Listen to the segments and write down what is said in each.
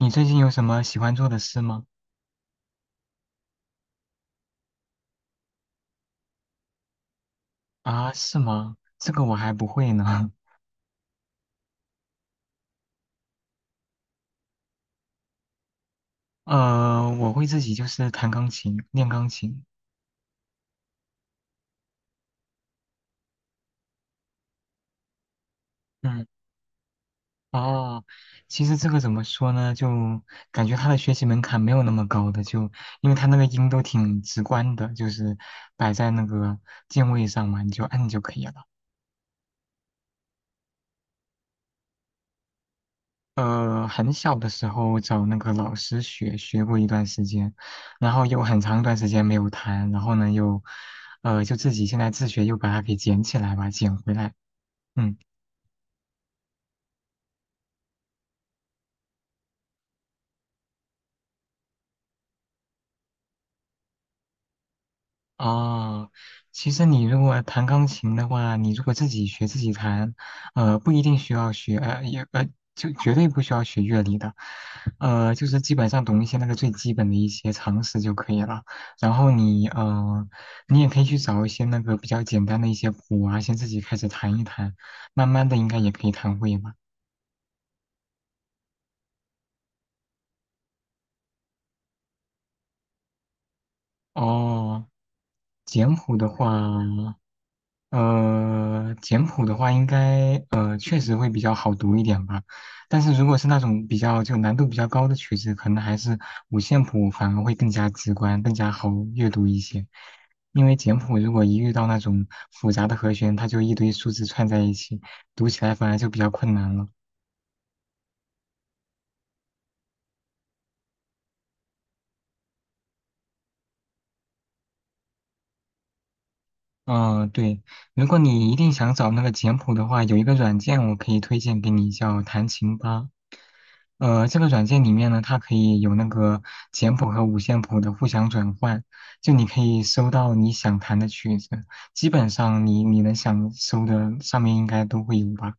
你最近有什么喜欢做的事吗？啊，是吗？这个我还不会呢。我会自己就是弹钢琴，练钢琴。嗯，哦，其实这个怎么说呢？就感觉它的学习门槛没有那么高的，就因为它那个音都挺直观的，就是摆在那个键位上嘛，你就按就可以了。很小的时候找那个老师学过一段时间，然后又很长一段时间没有弹，然后呢又，就自己现在自学又把它给捡起来吧，捡回来。嗯。哦，其实你如果弹钢琴的话，你如果自己学自己弹，不一定需要学,就绝对不需要学乐理的，就是基本上懂一些那个最基本的一些常识就可以了。然后你，你也可以去找一些那个比较简单的一些谱啊，先自己开始弹一弹，慢慢的应该也可以弹会吧。哦，简谱的话。简谱的话，应该确实会比较好读一点吧。但是如果是那种比较就难度比较高的曲子，可能还是五线谱反而会更加直观，更加好阅读一些。因为简谱如果一遇到那种复杂的和弦，它就一堆数字串在一起，读起来反而就比较困难了。嗯，对，如果你一定想找那个简谱的话，有一个软件我可以推荐给你，叫弹琴吧。这个软件里面呢，它可以有那个简谱和五线谱的互相转换，就你可以搜到你想弹的曲子，基本上你能想搜的上面应该都会有吧。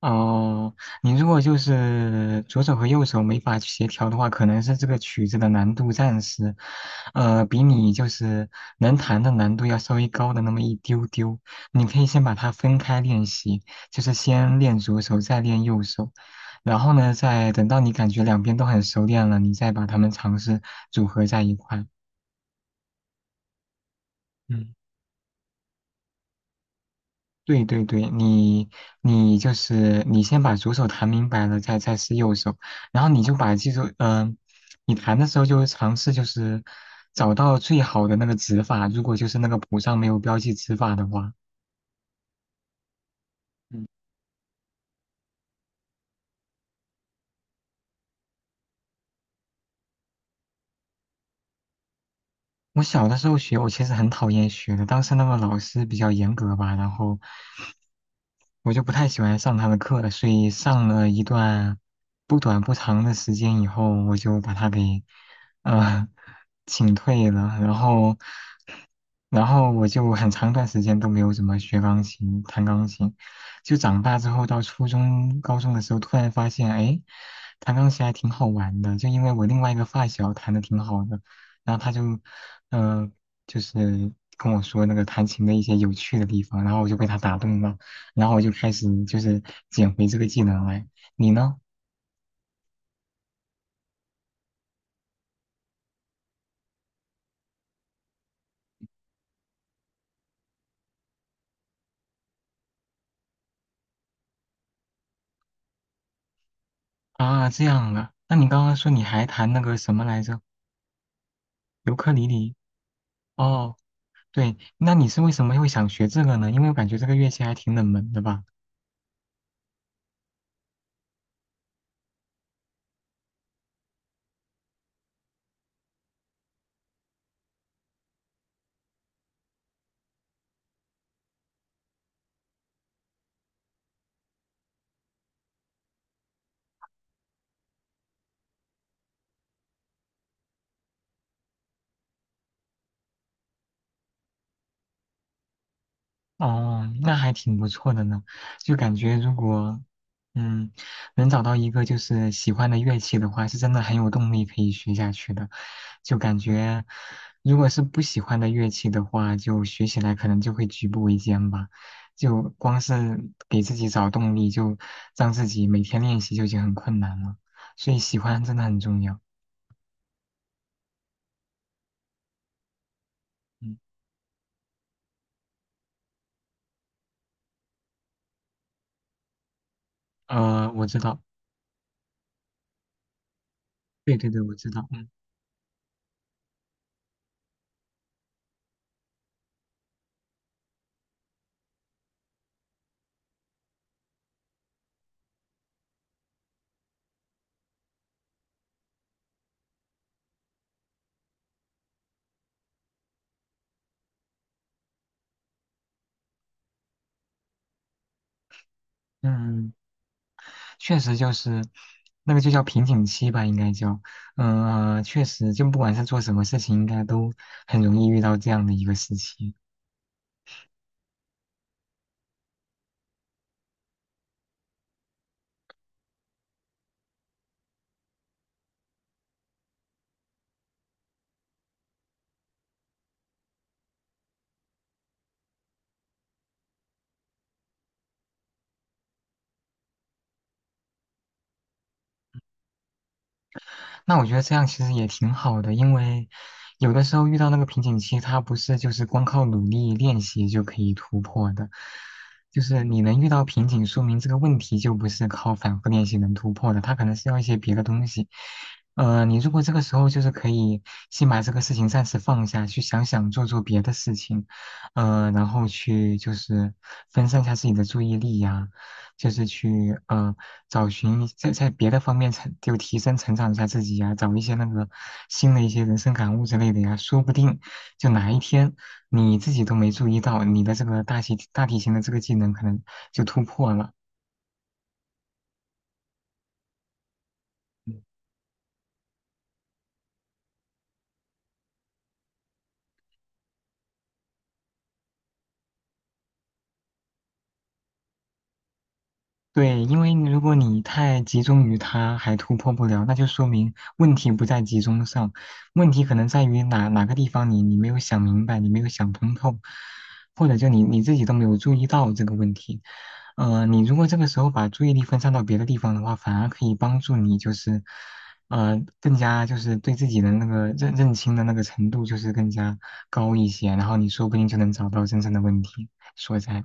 哦，你如果就是左手和右手没法协调的话，可能是这个曲子的难度暂时，比你就是能弹的难度要稍微高的那么一丢丢。你可以先把它分开练习，就是先练左手，再练右手，然后呢，再等到你感觉两边都很熟练了，你再把它们尝试组合在一块。嗯。对对对，你就是你先把左手弹明白了，再试右手，然后你就把记住，你弹的时候就尝试就是找到最好的那个指法，如果就是那个谱上没有标记指法的话，我小的时候学，我其实很讨厌学的，当时那个老师比较严格吧，然后我就不太喜欢上他的课，所以上了一段不短不长的时间以后，我就把他给呃请退了，然后然后我就很长一段时间都没有怎么学钢琴、弹钢琴，就长大之后到初中、高中的时候，突然发现，哎，弹钢琴还挺好玩的，就因为我另外一个发小弹的挺好的。然后他就嗯、就是跟我说那个弹琴的一些有趣的地方，然后我就被他打动了，然后我就开始就是捡回这个技能来。你呢？啊，这样啊，那你刚刚说你还弹那个什么来着？尤克里里？哦，对，那你是为什么会想学这个呢？因为我感觉这个乐器还挺冷门的吧。哦，那还挺不错的呢，就感觉如果，嗯，能找到一个就是喜欢的乐器的话，是真的很有动力可以学下去的。就感觉，如果是不喜欢的乐器的话，就学起来可能就会举步维艰吧。就光是给自己找动力，就让自己每天练习就已经很困难了。所以喜欢真的很重要。嗯，我知道，对对对，我知道。嗯嗯。确实就是那个就叫瓶颈期吧，应该叫，确实就不管是做什么事情，应该都很容易遇到这样的一个时期。那我觉得这样其实也挺好的，因为有的时候遇到那个瓶颈期，它不是就是光靠努力练习就可以突破的，就是你能遇到瓶颈，说明这个问题就不是靠反复练习能突破的，它可能是要一些别的东西。你如果这个时候就是可以先把这个事情暂时放下，去想想做做别的事情，然后去就是分散一下自己的注意力呀、就是去找寻在别的方面成就提升成长一下自己呀、找一些那个新的一些人生感悟之类的呀，说不定就哪一天你自己都没注意到，你的这个大体型的这个技能可能就突破了，对，因为如果你太集中于它还突破不了，那就说明问题不在集中上，问题可能在于哪个地方你没有想明白，你没有想通透，或者就你自己都没有注意到这个问题。你如果这个时候把注意力分散到别的地方的话，反而可以帮助你就是，更加就是对自己的那个认清的那个程度就是更加高一些，然后你说不定就能找到真正的问题所在，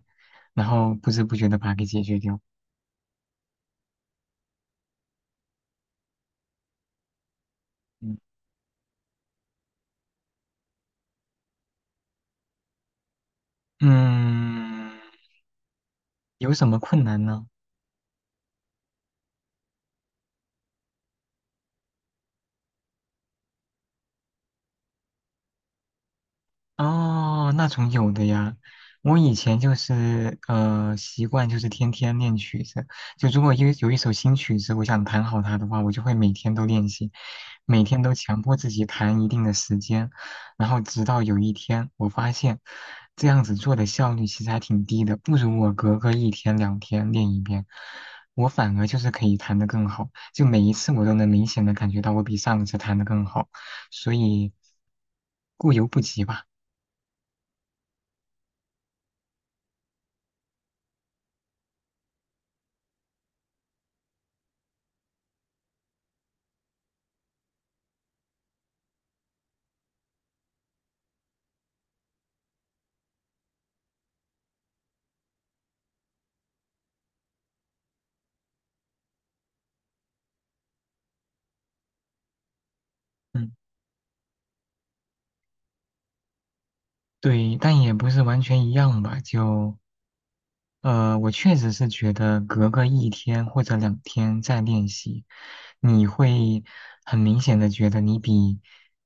然后不知不觉的把它给解决掉。嗯，嗯有什么困难呢？哦，那种有的呀。我以前就是习惯就是天天练曲子，就如果有一首新曲子，我想弹好它的话，我就会每天都练习。每天都强迫自己弹一定的时间，然后直到有一天我发现，这样子做的效率其实还挺低的，不如我隔个一天两天练一遍，我反而就是可以弹得更好，就每一次我都能明显的感觉到我比上一次弹得更好，所以过犹不及吧，嗯，对，但也不是完全一样吧，就。我确实是觉得隔个一天或者两天再练习，你会很明显的觉得你比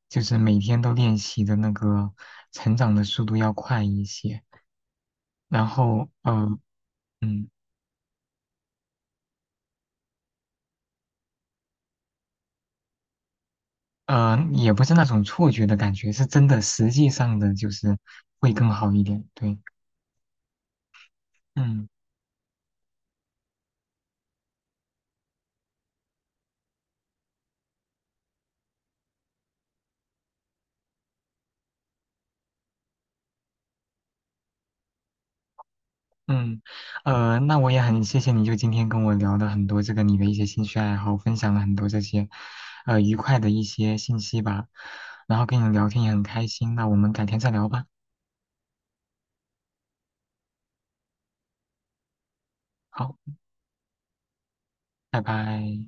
就是每天都练习的那个成长的速度要快一些。然后，嗯，也不是那种错觉的感觉，是真的，实际上的就是会更好一点。对，嗯。嗯，那我也很谢谢你，就今天跟我聊了很多这个你的一些兴趣爱好，分享了很多这些，愉快的一些信息吧。然后跟你聊天也很开心，那我们改天再聊吧。好，拜拜。